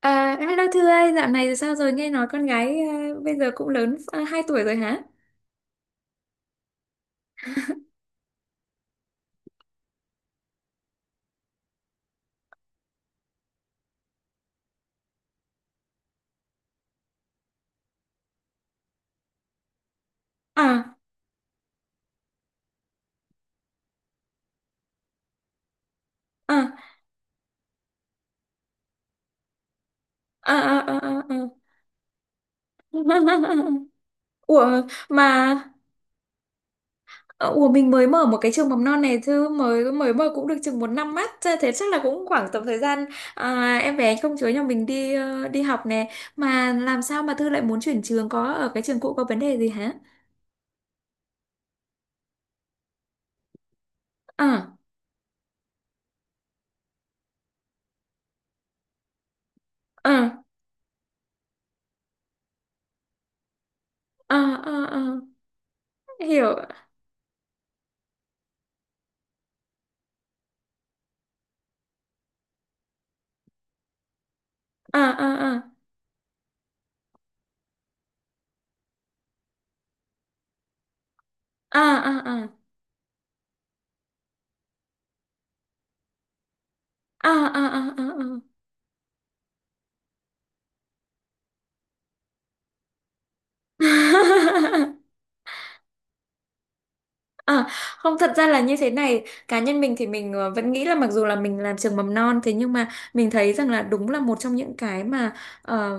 À, hello Thư ơi, dạo này sao rồi, nghe nói con gái à, bây giờ cũng lớn 2 tuổi rồi hả? À, à, à, à, à, à. À. Ủa, mà, ờ, ủa mình mới mở một cái trường mầm non này Thư, mới mới mở cũng được chừng một năm mắt, thế chắc là cũng khoảng tầm thời gian à, em bé công chúa nhà mình đi đi học nè. Mà làm sao mà Thư lại muốn chuyển trường, có ở cái trường cũ có vấn đề gì hả? À, à, à, à, à, hiểu, à, à, à, à, à, à, à, à, à, à. À. À, không thật ra là như thế này, cá nhân mình thì mình vẫn nghĩ là mặc dù là mình làm trường mầm non thế nhưng mà mình thấy rằng là đúng là một trong những cái mà ờ,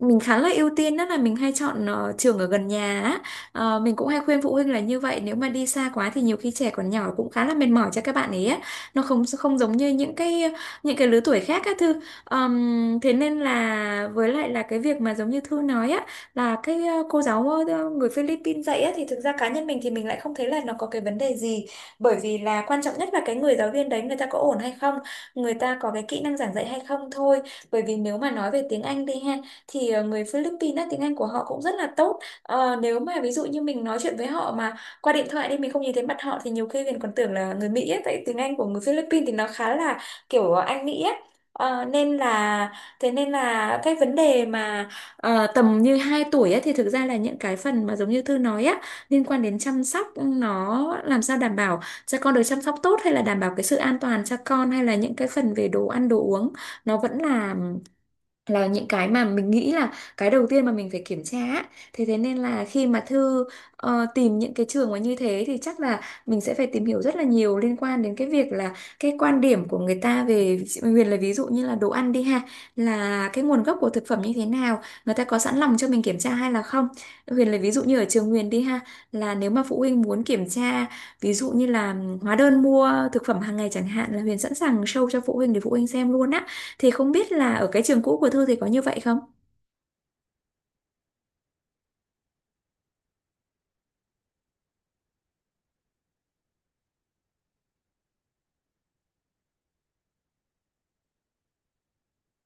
mình khá là ưu tiên đó là mình hay chọn trường ở gần nhà á. Mình cũng hay khuyên phụ huynh là như vậy, nếu mà đi xa quá thì nhiều khi trẻ còn nhỏ cũng khá là mệt mỏi cho các bạn ấy á. Nó không không giống như những cái lứa tuổi khác á Thư. Thế nên là với lại là cái việc mà giống như Thư nói á, là cái cô giáo người Philippines dạy á, thì thực ra cá nhân mình thì mình lại không thấy là nó có cái vấn đề gì, bởi vì là quan trọng nhất là cái người giáo viên đấy người ta có ổn hay không, người ta có cái kỹ năng giảng dạy hay không thôi, bởi vì nếu mà nói về tiếng Anh đi ha thì người Philippines á, tiếng Anh của họ cũng rất là tốt. Ờ, nếu mà ví dụ như mình nói chuyện với họ mà qua điện thoại đi, mình không nhìn thấy mặt họ thì nhiều khi mình còn tưởng là người Mỹ ấy, tại tiếng Anh của người Philippines thì nó khá là kiểu Anh Mỹ ấy. Ờ, nên là thế nên là cái vấn đề mà tầm như 2 tuổi ấy, thì thực ra là những cái phần mà giống như Thư nói á liên quan đến chăm sóc, nó làm sao đảm bảo cho con được chăm sóc tốt hay là đảm bảo cái sự an toàn cho con hay là những cái phần về đồ ăn đồ uống, nó vẫn là những cái mà mình nghĩ là cái đầu tiên mà mình phải kiểm tra á. Thế thế nên là khi mà Thư tìm những cái trường mà như thế thì chắc là mình sẽ phải tìm hiểu rất là nhiều liên quan đến cái việc là cái quan điểm của người ta về Huyền là ví dụ như là đồ ăn đi ha, là cái nguồn gốc của thực phẩm như thế nào, người ta có sẵn lòng cho mình kiểm tra hay là không. Huyền là ví dụ như ở trường Huyền đi ha, là nếu mà phụ huynh muốn kiểm tra ví dụ như là hóa đơn mua thực phẩm hàng ngày chẳng hạn, là Huyền sẵn sàng show cho phụ huynh để phụ huynh xem luôn á, thì không biết là ở cái trường cũ của Thư thì có như vậy không?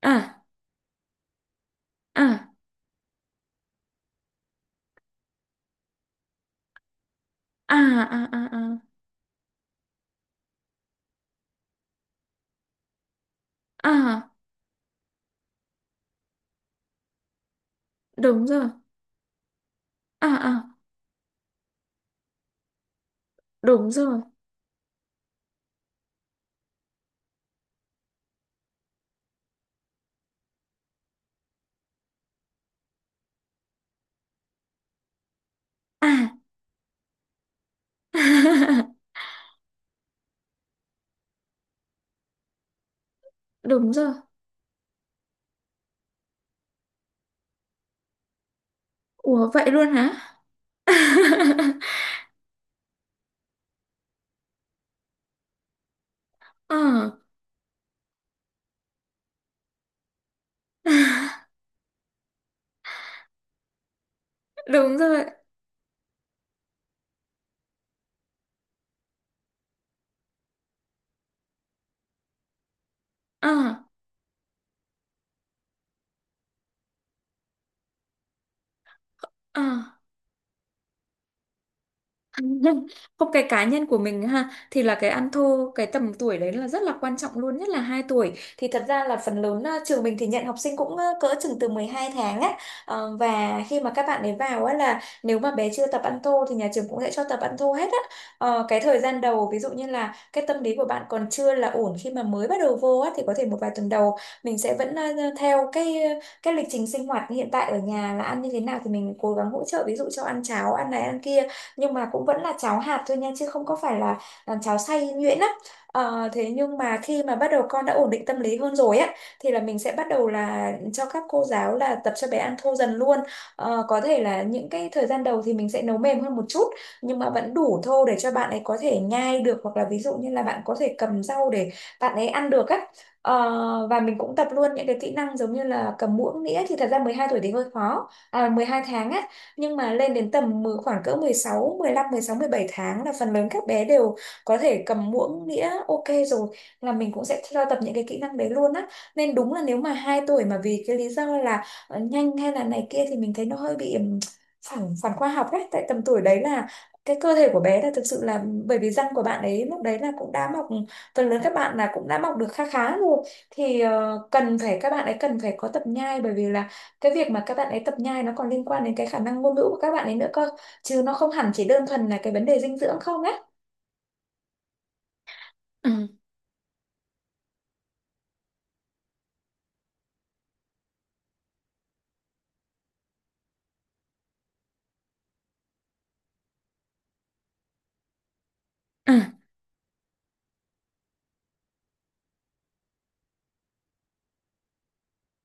À, à, à, à, à, à, à, đúng rồi. À, à, đúng rồi. À, đúng rồi. Ủa vậy luôn hả? Ờ, đúng rồi. Ờ, ờ. Không, cái cá nhân của mình ha thì là cái ăn thô cái tầm tuổi đấy là rất là quan trọng luôn, nhất là 2 tuổi thì thật ra là phần lớn trường mình thì nhận học sinh cũng cỡ chừng từ 12 tháng á. Và khi mà các bạn ấy vào á là nếu mà bé chưa tập ăn thô thì nhà trường cũng sẽ cho tập ăn thô hết á. Cái thời gian đầu ví dụ như là cái tâm lý của bạn còn chưa là ổn khi mà mới bắt đầu vô á thì có thể một vài tuần đầu mình sẽ vẫn theo cái lịch trình sinh hoạt hiện tại ở nhà là ăn như thế nào thì mình cố gắng hỗ trợ ví dụ cho ăn cháo ăn này ăn kia, nhưng mà cũng vẫn là cháo hạt thôi nha, chứ không có phải là, cháo xay nhuyễn á. Thế nhưng mà khi mà bắt đầu con đã ổn định tâm lý hơn rồi á thì là mình sẽ bắt đầu là cho các cô giáo là tập cho bé ăn thô dần luôn. Có thể là những cái thời gian đầu thì mình sẽ nấu mềm hơn một chút, nhưng mà vẫn đủ thô để cho bạn ấy có thể nhai được, hoặc là ví dụ như là bạn có thể cầm rau để bạn ấy ăn được á. Và mình cũng tập luôn những cái kỹ năng giống như là cầm muỗng đĩa, thì thật ra 12 tuổi thì hơi khó, à, 12 tháng á, nhưng mà lên đến tầm khoảng cỡ 16, 15, 16, 17 tháng là phần lớn các bé đều có thể cầm muỗng đĩa ok rồi, là mình cũng sẽ cho tập những cái kỹ năng đấy luôn á. Nên đúng là nếu mà 2 tuổi mà vì cái lý do là nhanh hay là này kia thì mình thấy nó hơi bị phản phản khoa học đấy, tại tầm tuổi đấy là cái cơ thể của bé là thực sự là, bởi vì răng của bạn ấy lúc đấy là cũng đã mọc phần lớn các bạn là cũng đã mọc được khá khá rồi, thì cần phải, các bạn ấy cần phải có tập nhai, bởi vì là cái việc mà các bạn ấy tập nhai nó còn liên quan đến cái khả năng ngôn ngữ của các bạn ấy nữa cơ, chứ nó không hẳn chỉ đơn thuần là cái vấn đề dinh dưỡng không á. Ừ. Ừ.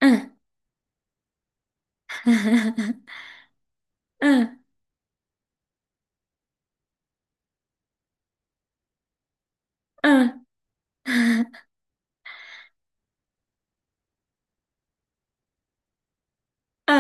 Ừ. Ừ. Ừ. Ừ.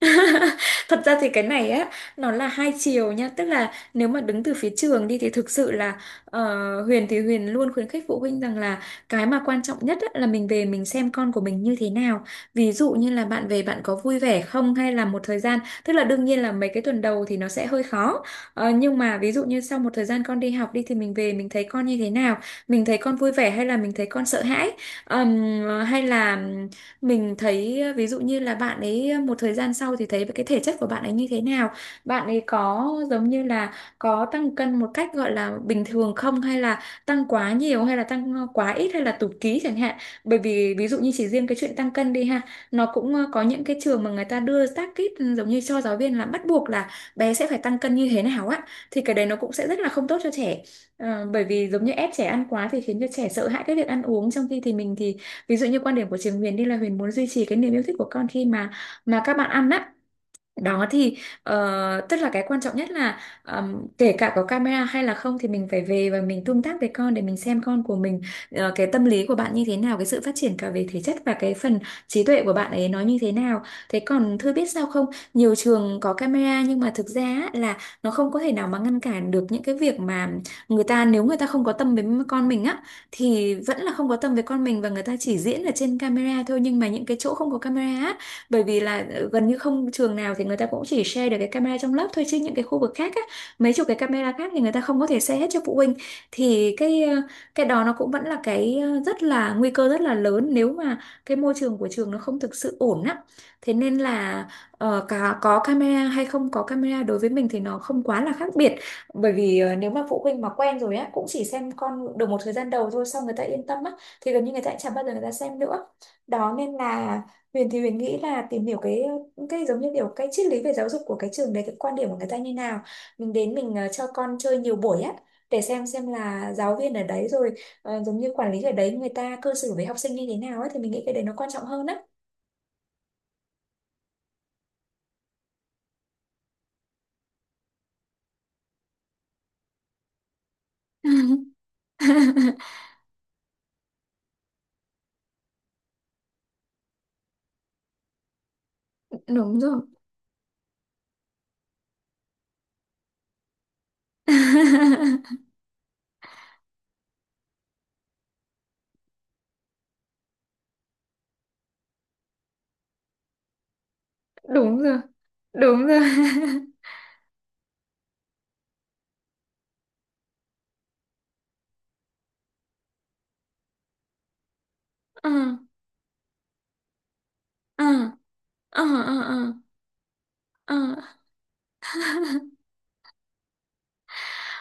Thật ra thì cái này á, nó là hai chiều nha, tức là nếu mà đứng từ phía trường đi thì thực sự là, Huyền thì Huyền luôn khuyến khích phụ huynh rằng là cái mà quan trọng nhất á, là mình về mình xem con của mình như thế nào, ví dụ như là bạn về bạn có vui vẻ không, hay là một thời gian, tức là đương nhiên là mấy cái tuần đầu thì nó sẽ hơi khó. Nhưng mà ví dụ như sau một thời gian con đi học đi thì mình về mình thấy con như thế nào, mình thấy con vui vẻ hay là mình thấy con sợ hãi, Ờm, hay là mình thấy ví dụ như là bạn ấy một thời gian sau thì thấy cái thể chất của bạn ấy như thế nào, bạn ấy có giống như là có tăng cân một cách gọi là bình thường không, hay là tăng quá nhiều hay là tăng quá ít hay là tụt ký chẳng hạn, bởi vì ví dụ như chỉ riêng cái chuyện tăng cân đi ha, nó cũng có những cái trường mà người ta đưa target giống như cho giáo viên là bắt buộc là bé sẽ phải tăng cân như thế nào á, thì cái đấy nó cũng sẽ rất là không tốt cho trẻ. Bởi vì giống như ép trẻ ăn quá thì khiến cho trẻ sợ hãi cái việc ăn uống, trong khi thì mình thì ví dụ như quan điểm của trường Huyền đi là Huyền muốn duy trì cái niềm yêu thích của con khi mà các bạn ăn á. Đó thì tức là cái quan trọng nhất là, kể cả có camera hay là không thì mình phải về và mình tương tác với con để mình xem con của mình, cái tâm lý của bạn như thế nào, cái sự phát triển cả về thể chất và cái phần trí tuệ của bạn ấy nó như thế nào. Thế còn Thư biết sao không? Nhiều trường có camera nhưng mà thực ra á, là nó không có thể nào mà ngăn cản được những cái việc mà người ta, nếu người ta không có tâm với con mình á thì vẫn là không có tâm với con mình, và người ta chỉ diễn ở trên camera thôi. Nhưng mà những cái chỗ không có camera á, bởi vì là gần như không trường nào thì người ta cũng chỉ share được cái camera trong lớp thôi, chứ những cái khu vực khác á, mấy chục cái camera khác thì người ta không có thể share hết cho phụ huynh. Thì cái đó nó cũng vẫn là rất là nguy cơ, rất là lớn, nếu mà cái môi trường của trường nó không thực sự ổn á. Thế nên là cả có camera hay không có camera đối với mình thì nó không quá là khác biệt. Bởi vì nếu mà phụ huynh mà quen rồi á cũng chỉ xem con được một thời gian đầu thôi, xong người ta yên tâm á thì gần như người ta chả bao giờ người ta xem nữa. Đó nên là Huyền thì Huyền nghĩ là tìm hiểu cái giống như kiểu cái triết lý về giáo dục của cái trường đấy, cái quan điểm của người ta như nào. Mình đến, mình cho con chơi nhiều buổi á để xem là giáo viên ở đấy rồi giống như quản lý ở đấy người ta cư xử với học sinh như thế nào ấy, thì mình nghĩ cái đấy nó quan trọng hơn á. Đúng rồi, đúng rồi, đúng rồi. Ừ, ừ, ừ, ừ, ừ.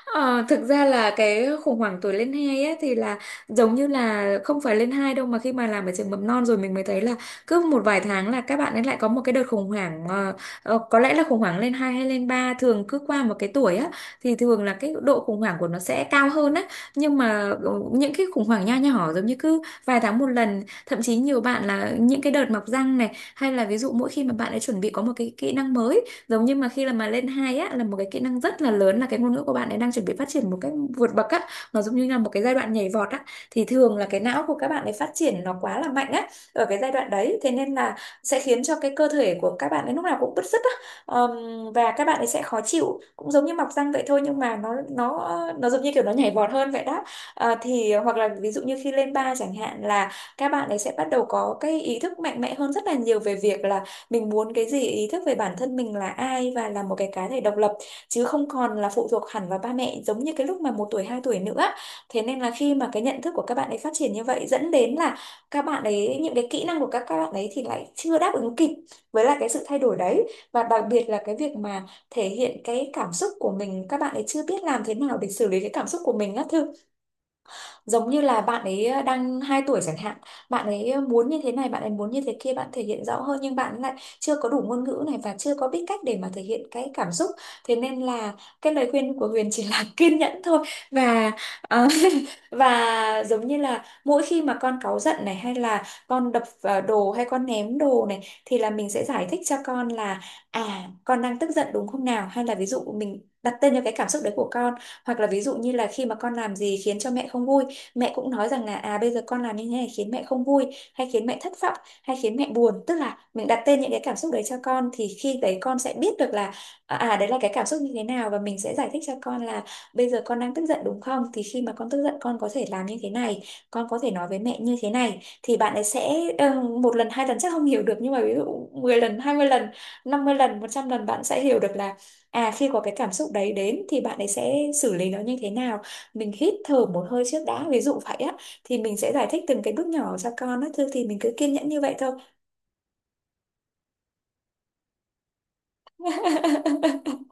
Ờ, Thực ra là cái khủng hoảng tuổi lên hai á thì là giống như là không phải lên hai đâu, mà khi mà làm ở trường mầm non rồi mình mới thấy là cứ một vài tháng là các bạn ấy lại có một cái đợt khủng hoảng. Ờ, có lẽ là khủng hoảng lên hai hay lên ba, thường cứ qua một cái tuổi á thì thường là cái độ khủng hoảng của nó sẽ cao hơn á. Nhưng mà những cái khủng hoảng nho nhỏ giống như cứ vài tháng một lần, thậm chí nhiều bạn là những cái đợt mọc răng này, hay là ví dụ mỗi khi mà bạn ấy chuẩn bị có một cái kỹ năng mới. Giống như mà khi là mà lên hai á là một cái kỹ năng rất là lớn, là cái ngôn ngữ của bạn ấy đang chuẩn bị phát triển một cách vượt bậc á. Nó giống như là một cái giai đoạn nhảy vọt á. Thì thường là cái não của các bạn ấy phát triển nó quá là mạnh á ở cái giai đoạn đấy, thế nên là sẽ khiến cho cái cơ thể của các bạn ấy lúc nào cũng bứt rứt á. Và các bạn ấy sẽ khó chịu cũng giống như mọc răng vậy thôi, nhưng mà nó giống như kiểu nó nhảy vọt hơn vậy đó. Thì hoặc là ví dụ như khi lên ba chẳng hạn là các bạn ấy sẽ bắt đầu có cái ý thức mạnh mẽ hơn rất là nhiều về việc là mình muốn cái gì, ý thức về bản thân mình là ai và là một cái cá thể độc lập, chứ không còn là phụ thuộc hẳn vào ba mẹ giống như cái lúc mà 1 tuổi 2 tuổi nữa. Thế nên là khi mà cái nhận thức của các bạn ấy phát triển như vậy, dẫn đến là các bạn ấy, những cái kỹ năng của các bạn ấy thì lại chưa đáp ứng kịp với lại cái sự thay đổi đấy. Và đặc biệt là cái việc mà thể hiện cái cảm xúc của mình, các bạn ấy chưa biết làm thế nào để xử lý cái cảm xúc của mình á Thư. Giống như là bạn ấy đang 2 tuổi chẳng hạn, bạn ấy muốn như thế này, bạn ấy muốn như thế kia, bạn thể hiện rõ hơn, nhưng bạn lại chưa có đủ ngôn ngữ này và chưa có biết cách để mà thể hiện cái cảm xúc. Thế nên là cái lời khuyên của Huyền chỉ là kiên nhẫn thôi. Và ờ, và giống như là mỗi khi mà con cáu giận này, hay là con đập vào đồ hay con ném đồ này, thì là mình sẽ giải thích cho con là à, con đang tức giận đúng không nào, hay là ví dụ mình đặt tên cho cái cảm xúc đấy của con. Hoặc là ví dụ như là khi mà con làm gì khiến cho mẹ không vui, mẹ cũng nói rằng là à bây giờ con làm như thế này khiến mẹ không vui, hay khiến mẹ thất vọng, hay khiến mẹ buồn, tức là mình đặt tên những cái cảm xúc đấy cho con, thì khi đấy con sẽ biết được là à à, đấy là cái cảm xúc như thế nào. Và mình sẽ giải thích cho con là bây giờ con đang tức giận đúng không, thì khi mà con tức giận con có thể làm như thế này, con có thể nói với mẹ như thế này, thì bạn ấy sẽ 1 lần 2 lần chắc không hiểu được, nhưng mà ví dụ 10 lần 20 lần 50 lần 100 lần bạn sẽ hiểu được là à khi có cái cảm xúc đấy đến thì bạn ấy sẽ xử lý nó như thế nào. Mình hít thở một hơi trước đã, ví dụ vậy á, thì mình sẽ giải thích từng cái bước nhỏ cho con á. Thôi thì mình cứ kiên nhẫn như vậy thôi.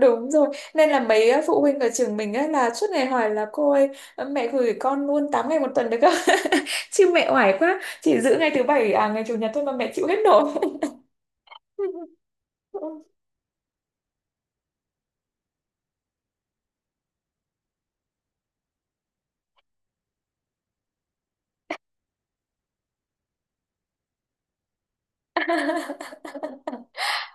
Đúng rồi, nên là mấy phụ huynh ở trường mình á là suốt ngày hỏi là cô ơi, mẹ gửi con luôn 8 ngày 1 tuần được không? Chứ mẹ oải quá, chỉ giữ ngày thứ bảy à ngày chủ nhật thôi mà mẹ chịu hết nổi.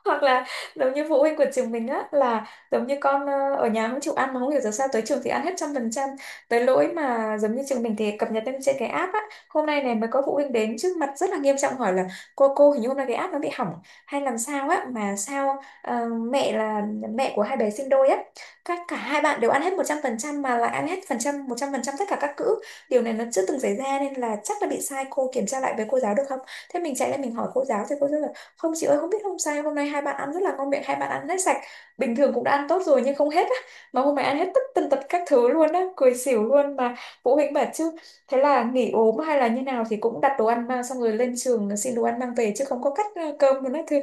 Hoặc là giống như phụ huynh của trường mình á là giống như con ở nhà không chịu ăn, mà không hiểu giờ sao tới trường thì ăn hết 100%, tới lỗi mà giống như trường mình thì cập nhật lên trên cái app á. Hôm nay này mới có phụ huynh đến trước mặt rất là nghiêm trọng hỏi là cô hình như hôm nay cái app nó bị hỏng hay làm sao á, mà sao mẹ là mẹ của hai bé sinh đôi á, các cả hai bạn đều ăn hết 100% mà lại ăn hết phần trăm 100% tất cả các cữ. Điều này nó chưa từng xảy ra nên là chắc là bị sai, cô kiểm tra lại với cô giáo được không. Thế mình chạy lại mình hỏi cô giáo thì cô giáo không, chị ơi không biết không, sao hôm nay hai bạn ăn rất là ngon miệng, hai bạn ăn hết sạch, bình thường cũng đã ăn tốt rồi nhưng không hết á, mà hôm nay ăn hết tất tần tật các thứ luôn á, cười xỉu luôn mà. Phụ huynh bảo chứ thế là nghỉ ốm hay là như nào thì cũng đặt đồ ăn mang, xong rồi lên trường xin đồ ăn mang về, chứ không có cắt cơm luôn á thưa.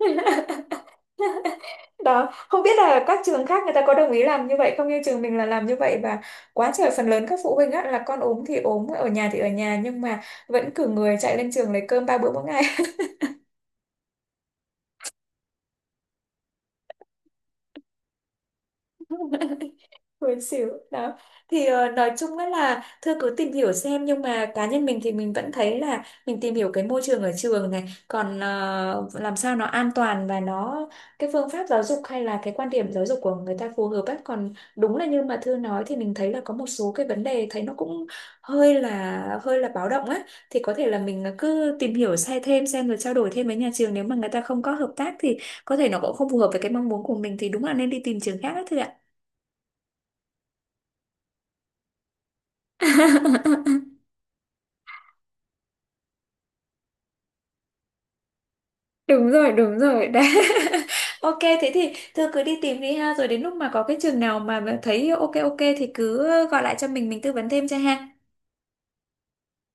Đó không biết là các trường khác người ta có đồng ý làm như vậy không, như trường mình là làm như vậy. Và quá trời phần lớn các phụ huynh á là con ốm thì ốm ở nhà thì ở nhà, nhưng mà vẫn cử người chạy lên trường lấy cơm 3 bữa mỗi ngày. Buồn xỉu đó. Thì nói chung á là thưa cứ tìm hiểu xem, nhưng mà cá nhân mình thì mình vẫn thấy là mình tìm hiểu cái môi trường ở trường này còn làm sao nó an toàn và nó cái phương pháp giáo dục hay là cái quan điểm giáo dục của người ta phù hợp ấy. Còn đúng là như mà Thư nói thì mình thấy là có một số cái vấn đề thấy nó cũng hơi là báo động á, thì có thể là mình cứ tìm hiểu sai thêm xem rồi trao đổi thêm với nhà trường. Nếu mà người ta không có hợp tác thì có thể nó cũng không phù hợp với cái mong muốn của mình, thì đúng là nên đi tìm trường khác á Thư ạ. Đúng rồi, đúng rồi đấy. Ok, thế thì thưa cứ đi tìm đi ha, rồi đến lúc mà có cái trường nào mà thấy ok ok thì cứ gọi lại cho mình tư vấn thêm cho ha.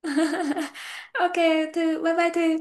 Ok, thư bye bye thư